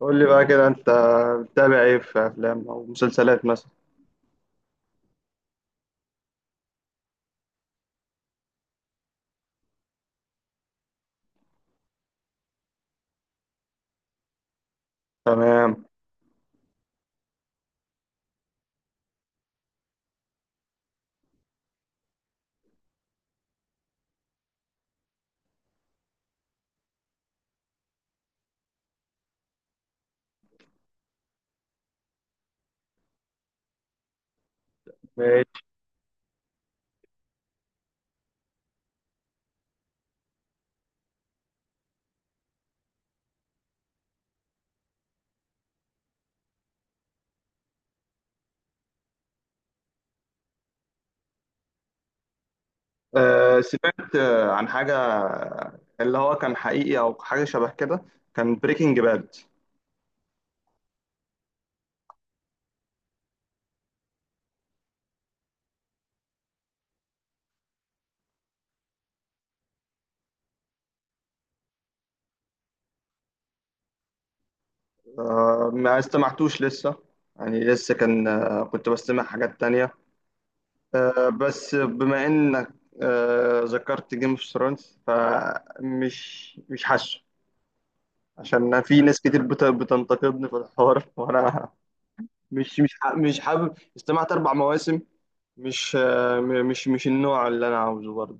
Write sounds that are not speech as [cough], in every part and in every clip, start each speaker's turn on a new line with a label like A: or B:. A: قول لي بقى كده انت بتتابع ايه في افلام او مسلسلات مثلا. تمام. ماشي. أه سمعت عن حاجه اللي هو كان حقيقي او حاجه شبه كده. كان بريكنج باد. أه ما استمعتوش لسه، يعني لسه كان، كنت بستمع حاجات تانية. أه بس بما انك أه ذكرت جيم اوف ثرونز فمش مش حاسه، عشان في ناس كتير بتنتقدني في الحوار [laughs] وانا مش حابب استمعت اربع مواسم. مش آه، م- مش مش النوع اللي انا عاوزه برضه.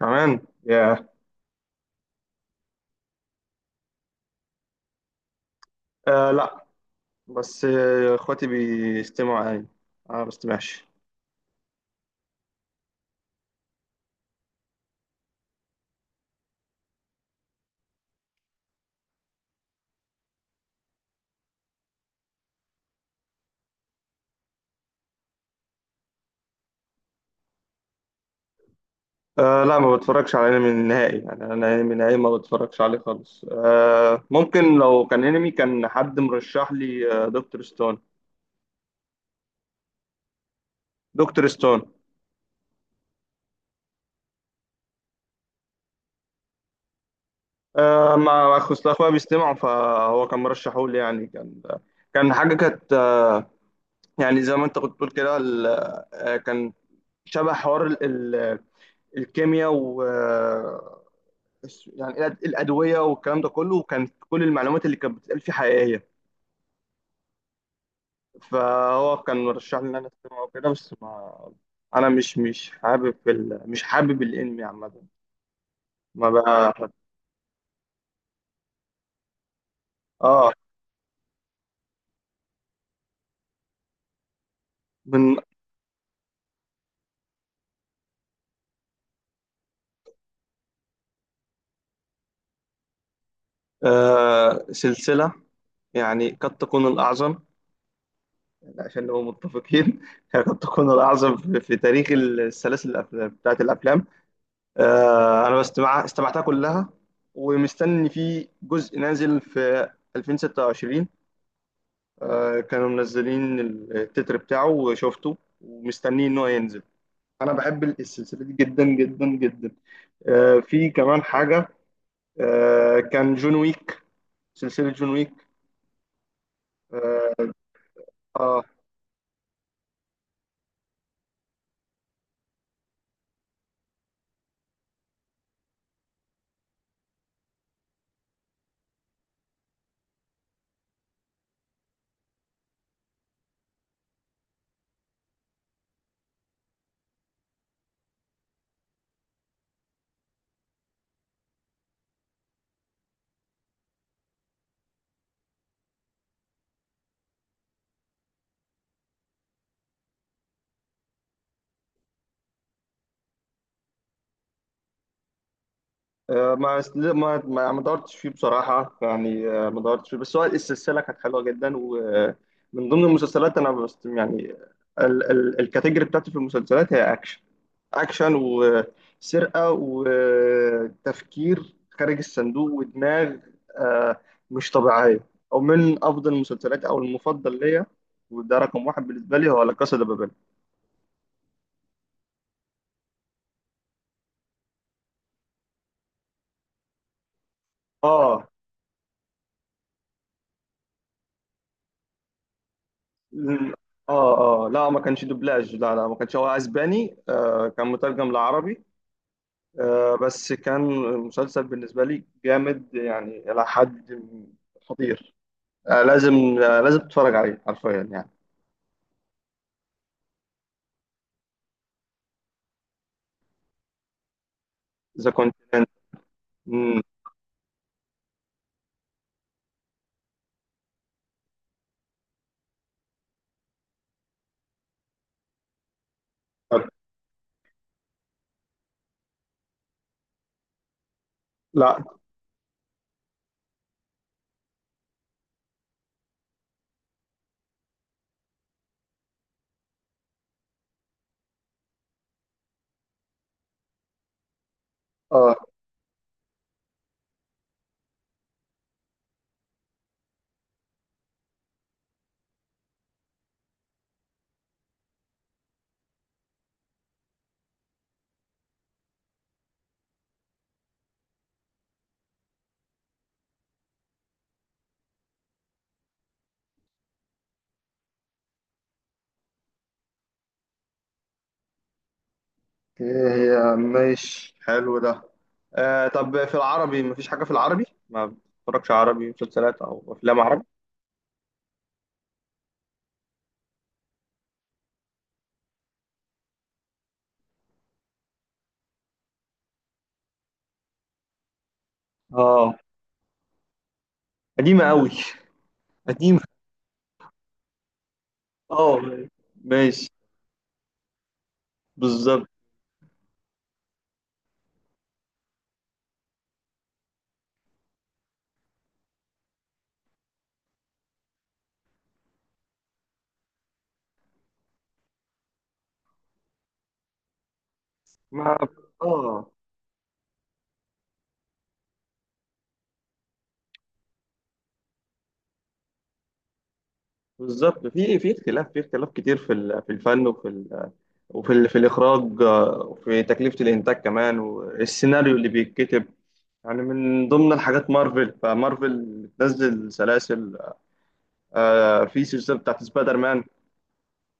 A: كمان ياه. آه لا. بس اخواتي بيستمعوا انمي، انا ما بستمعش. آه لا، ما بتفرجش على انمي نهائي، يعني انا انمي نهائي ما بتفرجش عليه خالص. آه ممكن لو كان انمي كان حد مرشح لي آه دكتور ستون. دكتور ستون. آه ما اخص اخويا بيستمعوا فهو كان مرشحه لي، يعني كان، كان حاجه كانت آه، يعني زي ما انت كنت بتقول كده كان شبه حوار الكيمياء و، يعني الادويه والكلام ده كله، وكان كل المعلومات اللي كانت بتتقال فيه حقيقيه. فهو كان مرشح لي ان انا استمع وكده، بس ما انا مش حابب مش حابب الانمي عامه. ما بقى. اه. من آه سلسله يعني قد تكون الاعظم، يعني عشان نبقى متفقين [laughs] هي قد تكون الاعظم في تاريخ السلاسل بتاعت الافلام. انا استمعتها كلها ومستني في جزء نازل في 2026. كانوا منزلين التتر بتاعه وشفته ومستنيه ان هو ينزل. انا بحب السلسله دي جدا جدا جدا. في كمان حاجه، كان جون ويك، سلسله جون ويك. آه، آه، ما ما دورتش فيه بصراحة، يعني ما دورتش فيه، بس هو السلسلة كانت حلوة جدا ومن ضمن المسلسلات أنا، بس يعني ال الكاتيجوري بتاعتي في المسلسلات هي أكشن، أكشن وسرقة وتفكير خارج الصندوق ودماغ آه، مش طبيعية، أو من أفضل المسلسلات أو المفضل ليا، وده رقم واحد بالنسبة لي، هو لا كاسا دي بابيل. آه. ل- اه اه، لا ما كانش دوبلاج، لا لا ما كانش، هو اسباني آه كان مترجم لعربي. آه بس كان مسلسل بالنسبة لي جامد يعني إلى حد خطير. آه لازم، آه لازم تتفرج عليه حرفيا يعني. إذا كنت مم. طب- لا. اه. أوكي، هي مش حلو ده. آه طب في العربي مفيش حاجة في العربي، ما بتتفرجش عربي، مسلسلات أو أفلام عربي؟ اه. قديمة قوي. قديمة. اه. ماشي. بالظبط. ما اه، بالظبط في في اختلاف، في اختلاف كتير في الفن في الاخراج، وفي تكلفه الانتاج كمان، والسيناريو اللي بيتكتب يعني. من ضمن الحاجات مارفل، فمارفل بتنزل سلاسل. آه في سلسله بتاعت سبايدر مان،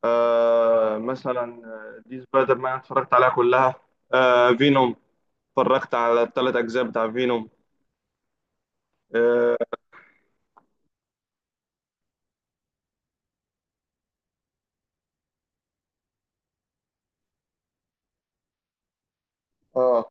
A: آه مثلا دي سبايدر مان اتفرجت عليها كلها. آه فينوم، اتفرجت على الثلاث اجزاء بتاع فينوم. اه. آه،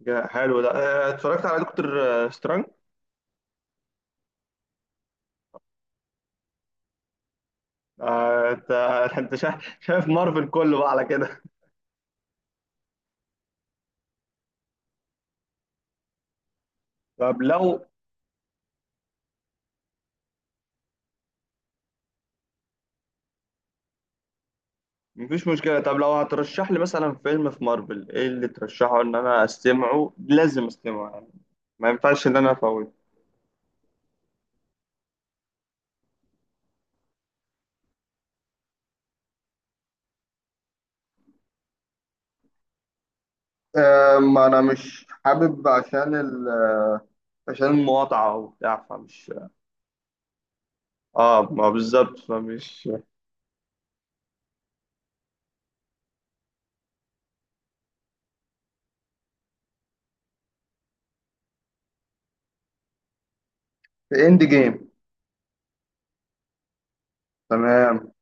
A: حلو ده. اتفرجت على دكتور سترانج. انت [laughs] انت شايف مارفل كله بقى على كده. طب لو. مفيش مشكلة، طب لو هترشح لي مثلا فيلم في مارفل ايه اللي ترشحه ان انا استمعه، لازم استمعه يعني، ما ينفعش ان انا افوته. ما انا مش حابب عشان ال آه، عشان المقاطعة وبتاع، فمش اه، ما بالظبط فمش. في اند جيم. تمام.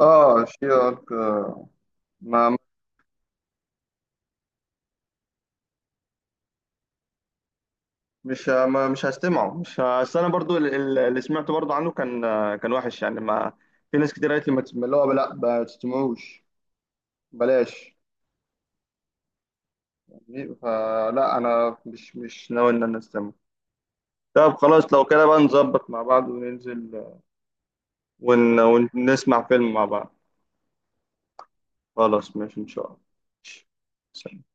A: اه شيرك، ما مش هستمعه، مش ه- أصل انا برضو اللي سمعته برضو عنه كان، كان وحش يعني. ما في ناس كتير قالت لي ما تسمع، اللي هو لا ما تسمعوش، بلاش. فلا انا مش ناوي ان انا استمع. طب خلاص لو كده بقى نظبط مع بعض وننزل ونسمع فيلم مع بعض. خلاص ماشي ان شاء الله. سلام.